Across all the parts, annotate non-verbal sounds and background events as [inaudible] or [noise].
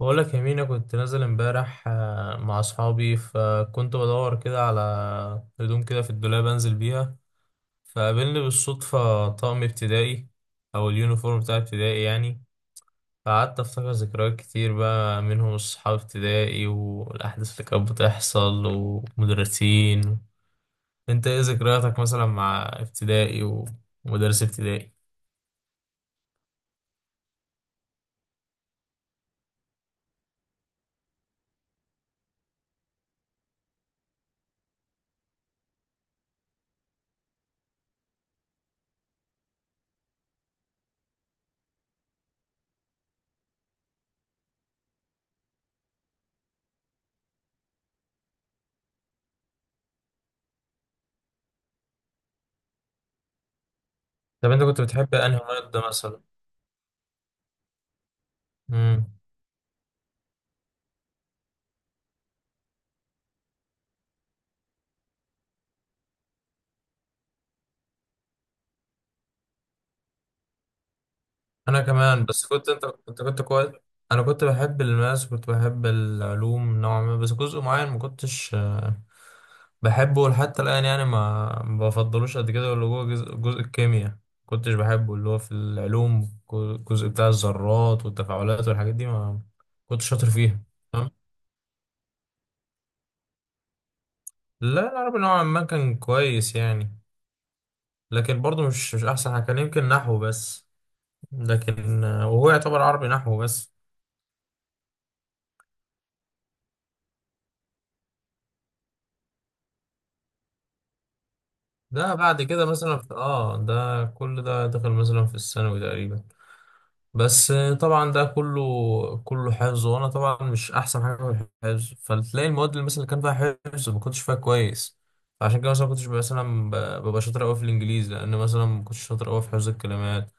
بقول لك يا مينا، كنت نازل امبارح مع اصحابي، فكنت بدور كده على هدوم كده في الدولاب انزل بيها. فقابلني بالصدفة طقم ابتدائي او اليونيفورم بتاع ابتدائي يعني. فقعدت افتكر ذكريات كتير بقى، منهم اصحاب ابتدائي والاحداث اللي كانت بتحصل ومدرسين. انت ايه ذكرياتك مثلا مع ابتدائي ومدرس ابتدائي؟ طب انت كنت بتحب انهي مادة مثلا؟ انا كمان، بس كنت كويس. انا كنت بحب الماس، كنت بحب العلوم نوعا ما، بس جزء معين ما كنتش بحبه لحتى الان يعني، ما بفضلوش قد كده، اللي هو جزء الكيمياء كنتش بحبه، اللي هو في العلوم الجزء بتاع الذرات والتفاعلات والحاجات دي ما كنتش شاطر فيها. تمام. لا العربي نوعا ما كان كويس يعني، لكن برضه مش احسن حاجه، كان يمكن نحو بس، لكن وهو يعتبر عربي نحو بس. ده بعد كده مثلا في اه، ده كل ده دخل مثلا في الثانوي تقريبا، بس طبعا ده كله حفظ، وانا طبعا مش احسن حاجه في الحفظ. فتلاقي المواد اللي مثلا كان فيها حفظ ما كنتش فيها كويس. عشان كده مثلا ما كنتش مثلا ببقى شاطر قوي في الانجليزي، لان مثلا ما كنتش شاطر قوي في حفظ الكلمات.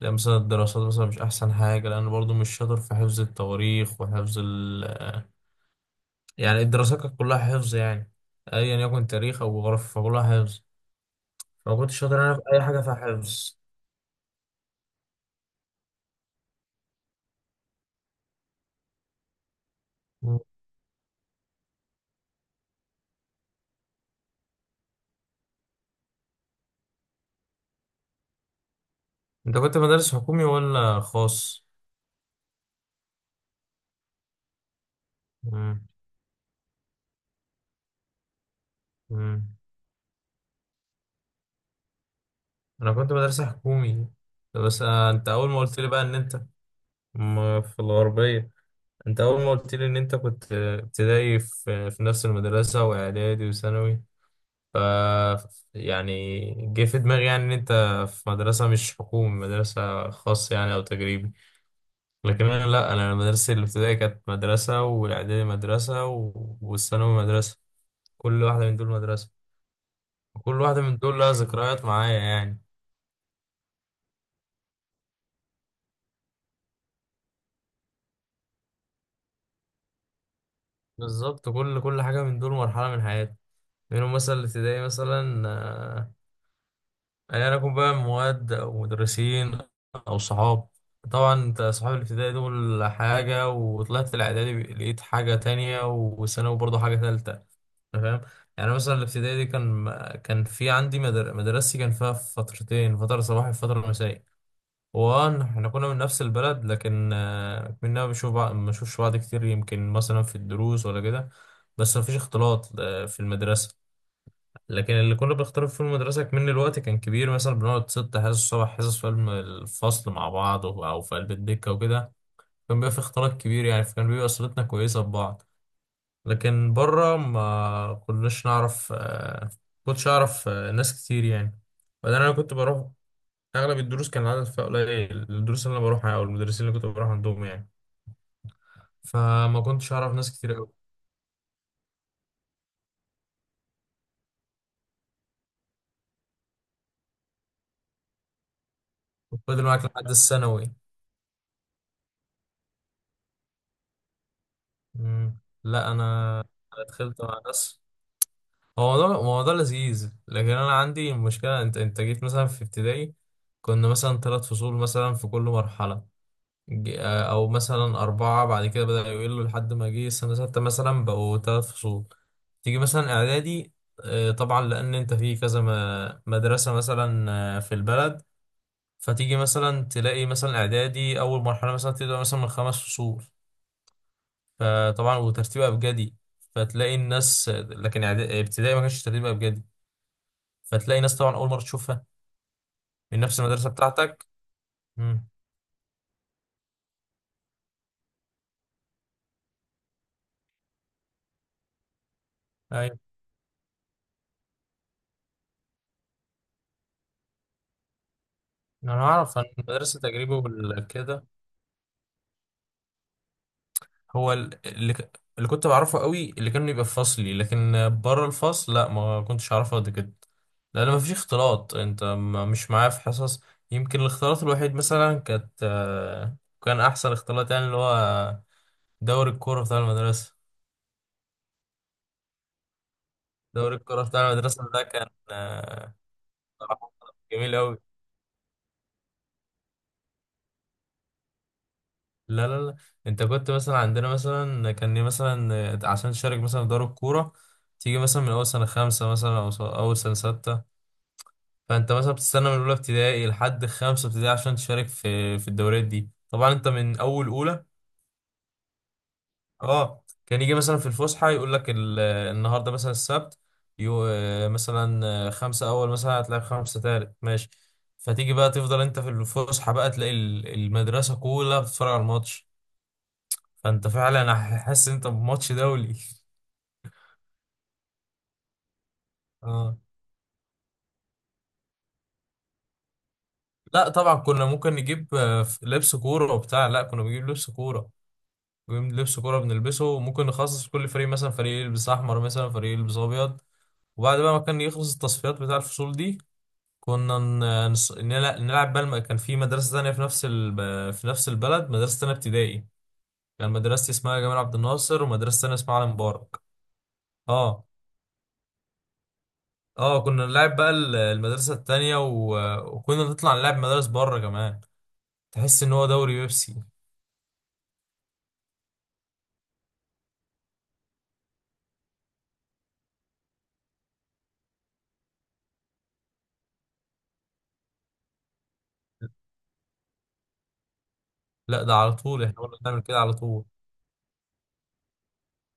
لان مثلا الدراسات مثلا مش احسن حاجه، لان برضو مش شاطر في حفظ التواريخ وحفظ ال، يعني الدراسات كانت كلها حفظ يعني، ايا يكن تاريخ او جغرافيا فكلها حفظ. ما كنتش شاطر انا في اي حاجه في الحفظ. مم. انت كنت مدارس حكومي ولا خاص؟ مم. مم. انا كنت مدرسة حكومي، بس انت اول ما قلت لي بقى ان انت في الغربية، انت اول ما قلت لي ان انت كنت ابتدائي في نفس المدرسة واعدادي وثانوي، ف، يعني جه في دماغي يعني ان انت في مدرسة مش حكومي، مدرسة خاصة يعني او تجريبي. لكن انا لا، انا مدرستي الابتدائي كانت مدرسه، والاعدادي مدرسه والثانوي مدرسه، كل واحده من دول مدرسه، وكل واحده من دول لها ذكريات معايا يعني. بالظبط، كل حاجه من دول مرحله من حياتي. منهم مثلا الابتدائي مثلا، ايا يعني يكن بقى مواد او مدرسين او صحاب. طبعا انت صحاب الابتدائي دول حاجه، وطلعت الاعدادي لقيت حاجه تانية، والثانوي برضه حاجه تالتة. أنا فاهم. يعني مثلا الابتدائي دي كان، كان في عندي مدرستي كان فيها فترتين، فترة صباحي وفترة مسائي. وان احنا كنا من نفس البلد، لكن كنا بنشوف بعض، ما بنشوفش بعض كتير، يمكن مثلا في الدروس ولا كده. بس ما فيش اختلاط في المدرسة. لكن اللي كنا بنختلط في المدرسة كمان الوقت كان كبير، مثلا بنقعد ست حصص سبع حصص في الفصل مع بعض أو في قلب الدكة وكده. كان بيبقى في اختلاط كبير يعني، فكان بيبقى صلتنا كويسة ببعض. لكن بره ما كناش نعرف كنتش اعرف ناس كتير يعني. بعدين انا كنت بروح اغلب الدروس كان العدد فيها قليل، الدروس اللي انا بروحها او المدرسين اللي كنت بروح عندهم يعني، فما كنتش اعرف ناس كتير قوي. فضل معاك لحد الثانوي. مم. لا انا، أنا دخلت مع ناس. هو ده هو ده لذيذ، لكن انا عندي مشكله، انت جيت مثلا في ابتدائي كنا مثلا ثلاث فصول مثلا في كل مرحله، او مثلا اربعه، بعد كده بدأ يقلوا لحد ما جه سنه سته مثلا بقوا ثلاث فصول. تيجي مثلا اعدادي، طبعا لان انت في كذا مدرسه مثلا في البلد، فتيجي مثلا تلاقي مثلا اعدادي اول مرحله مثلا تبدا مثلا من خمس فصول، فطبعا وترتيب ابجدي، فتلاقي الناس. لكن ابتدائي ما كانش ترتيب ابجدي، فتلاقي ناس طبعا اول مره تشوفها من نفس المدرسه بتاعتك. امم، ايوه. انا اعرف عن مدرسه تجريبي وكده. هو اللي كنت بعرفه قوي اللي كانوا يبقى في فصلي، لكن بره الفصل لا ما كنتش اعرفه قد كده، لان ما فيش اختلاط، انت مش معاه في حصص. يمكن الاختلاط الوحيد مثلا كانت كان احسن اختلاط يعني اللي هو دوري الكوره بتاع المدرسه. دوري الكوره بتاع المدرسه ده كان بصراحة جميل قوي. لا لا لا، انت كنت مثلا عندنا مثلا كان مثلا عشان تشارك مثلا في دوري الكوره تيجي مثلا من اول سنه خمسه مثلا او اول سنه سته، فانت مثلا بتستنى من اولى ابتدائي لحد خمسه ابتدائي عشان تشارك في الدوريات دي، طبعا انت من اول اولى. اه، كان يجي مثلا في الفسحه يقول لك النهارده مثلا السبت، يو آه، مثلا خمسه اول مثلا هتلاعب خمسه تالت، ماشي. فتيجي بقى تفضل انت في الفسحه بقى تلاقي المدرسه كلها بتتفرج على الماتش، فانت فعلا حاسس ان انت بماتش دولي [laughs] اه، لا طبعا كنا ممكن نجيب لبس كوره وبتاع، لا كنا بنجيب لبس كوره، لبس كورة بنلبسه، وممكن نخصص كل فريق، مثلا فريق يلبس أحمر، مثلا فريق يلبس أبيض. وبعد بقى ما كان يخلص التصفيات بتاع الفصول دي، كنا نلعب بقى كان في مدرسة تانية في نفس ال... في نفس البلد مدرسة تانية ابتدائي، كان مدرستي اسمها جمال عبد الناصر، ومدرسة تانية اسمها علي مبارك. اه، اه كنا نلعب بقى المدرسة التانية و... وكنا نطلع نلعب مدارس بره كمان، تحس إن هو دوري بيبسي. لا، ده على طول احنا كنا بنعمل كده على طول.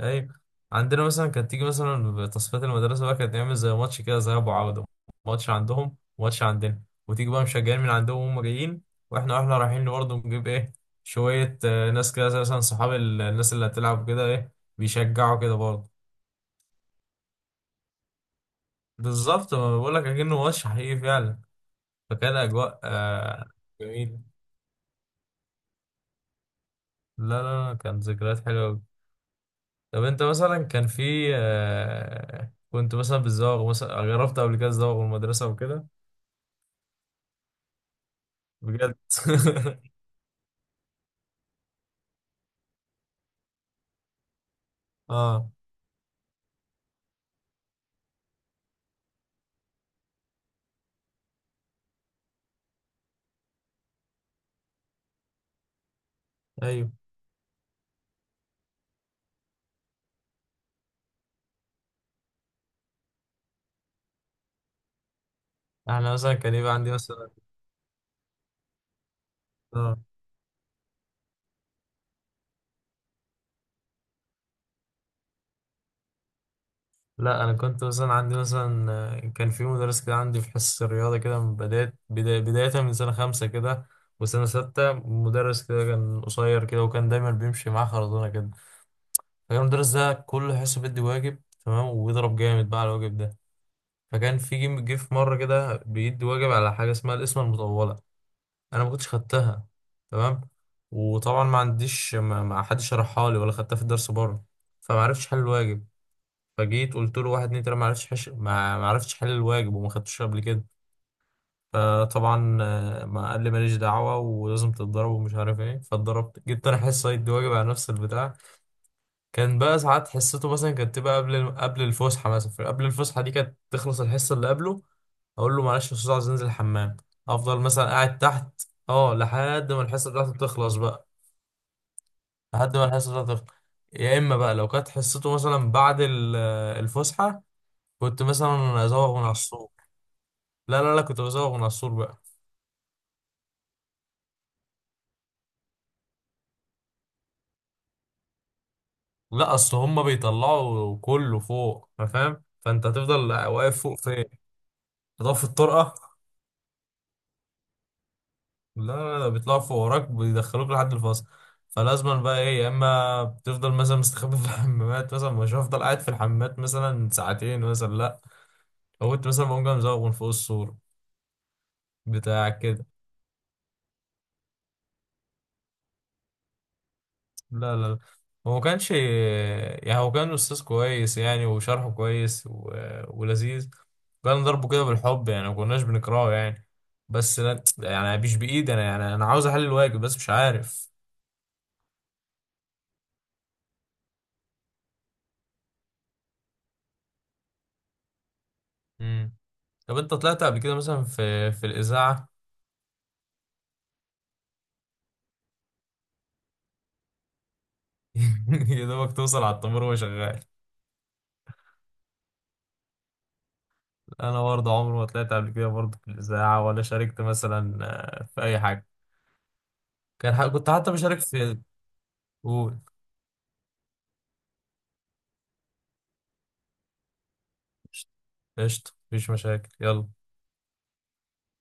ايوه، عندنا مثلا كانت تيجي مثلا تصفيات المدرسه بقى، كانت نعمل زي ماتش كده، ذهاب وعوده، ماتش عندهم وماتش عندنا. وتيجي بقى مشجعين من عندهم وهم جايين، واحنا رايحين برضه نجيب ايه، شويه ناس كده زي مثلا صحاب الناس اللي هتلعب كده ايه، بيشجعوا كده برضه. بالظبط، ما بقول لك اكنه ماتش حقيقي فعلا، فكان اجواء آه جميل. لا لا لا، كانت ذكريات حلوه أوي. طب انت مثلا كان في آه كنت مثلا بتزوغ، مثلا جربت قبل كده تزوغ من المدرسه وكده؟ بجد [laughs] اه، ايوه، احنا مثلا كان يبقى عندي مثلا، اه لا انا كنت مثلا عندي مثلا كان في مدرس كده عندي في حصة الرياضة كده من بداية من سنة خمسة كده وسنة ستة، مدرس كده كان قصير كده، وكان دايما بيمشي معاه خرزونة كده. فكان المدرس ده كل حصة بيدي واجب، تمام، وبيضرب جامد بقى على الواجب ده. فكان في جه في مرة كده بيدي واجب على حاجة اسمها القسمة المطولة، انا ما كنتش خدتها، تمام. وطبعا ما عنديش، ما حدش شرحها لي ولا خدتها في الدرس بره، فما عرفتش حل الواجب. فجيت قلت له واحد اتنين تلاته ما عرفتش ما عرفتش حل الواجب وما خدتوش قبل كده. فطبعا ما قال لي ماليش دعوه ولازم تتضرب ومش عارف ايه، فاتضربت، جبت انا حصه يد واجب على نفس البتاع. كان بقى ساعات حصته مثلا كانت تبقى قبل الفسحه مثلا، قبل الفسحه دي كانت تخلص الحصه اللي قبله، اقول له معلش يا استاذ عايز انزل الحمام، افضل مثلا قاعد تحت. اه، لحد ما الحصه بتاعته تخلص بقى، لحد ما الحصه بتاعته تخلص. يا اما بقى لو كانت حصته مثلا بعد الفسحه كنت مثلا ازوغ من على السور. لا لا لا كنت بزوغ من على السور بقى. لا اصل هما بيطلعوا كله فوق، أنت فاهم، فانت هتفضل واقف فوق فين؟ هتقف في الطرقه؟ لا لا لا بيطلعوا فوق وراك بيدخلوك لحد الفصل. فلازما بقى ايه، يا اما بتفضل مثلا مستخبي في الحمامات، مثلا مش هفضل قاعد في الحمامات مثلا ساعتين مثلا، لا. لو كنت مثلا بقوم جاي مزوغ من فوق السور بتاع كده. لا لا لا، هو ما كانش يعني، هو كان استاذ كويس يعني، وشرحه كويس و... ولذيذ، كان ضربه كده بالحب يعني، ما كناش بنكرهه يعني، بس لا يعني مش بايدي انا يعني، انا عاوز احل الواجب بس مش عارف. مم. طب انت طلعت قبل كده مثلا في الاذاعه؟ [laughs] يا دوبك توصل على التمر وهو شغال. انا برضه عمري ما طلعت قبل كده برضه في الاذاعه، ولا شاركت مثلا في اي حاجه، كان كنت حتى بشارك في، قول. قشطه، مفيش مشاكل، يلا.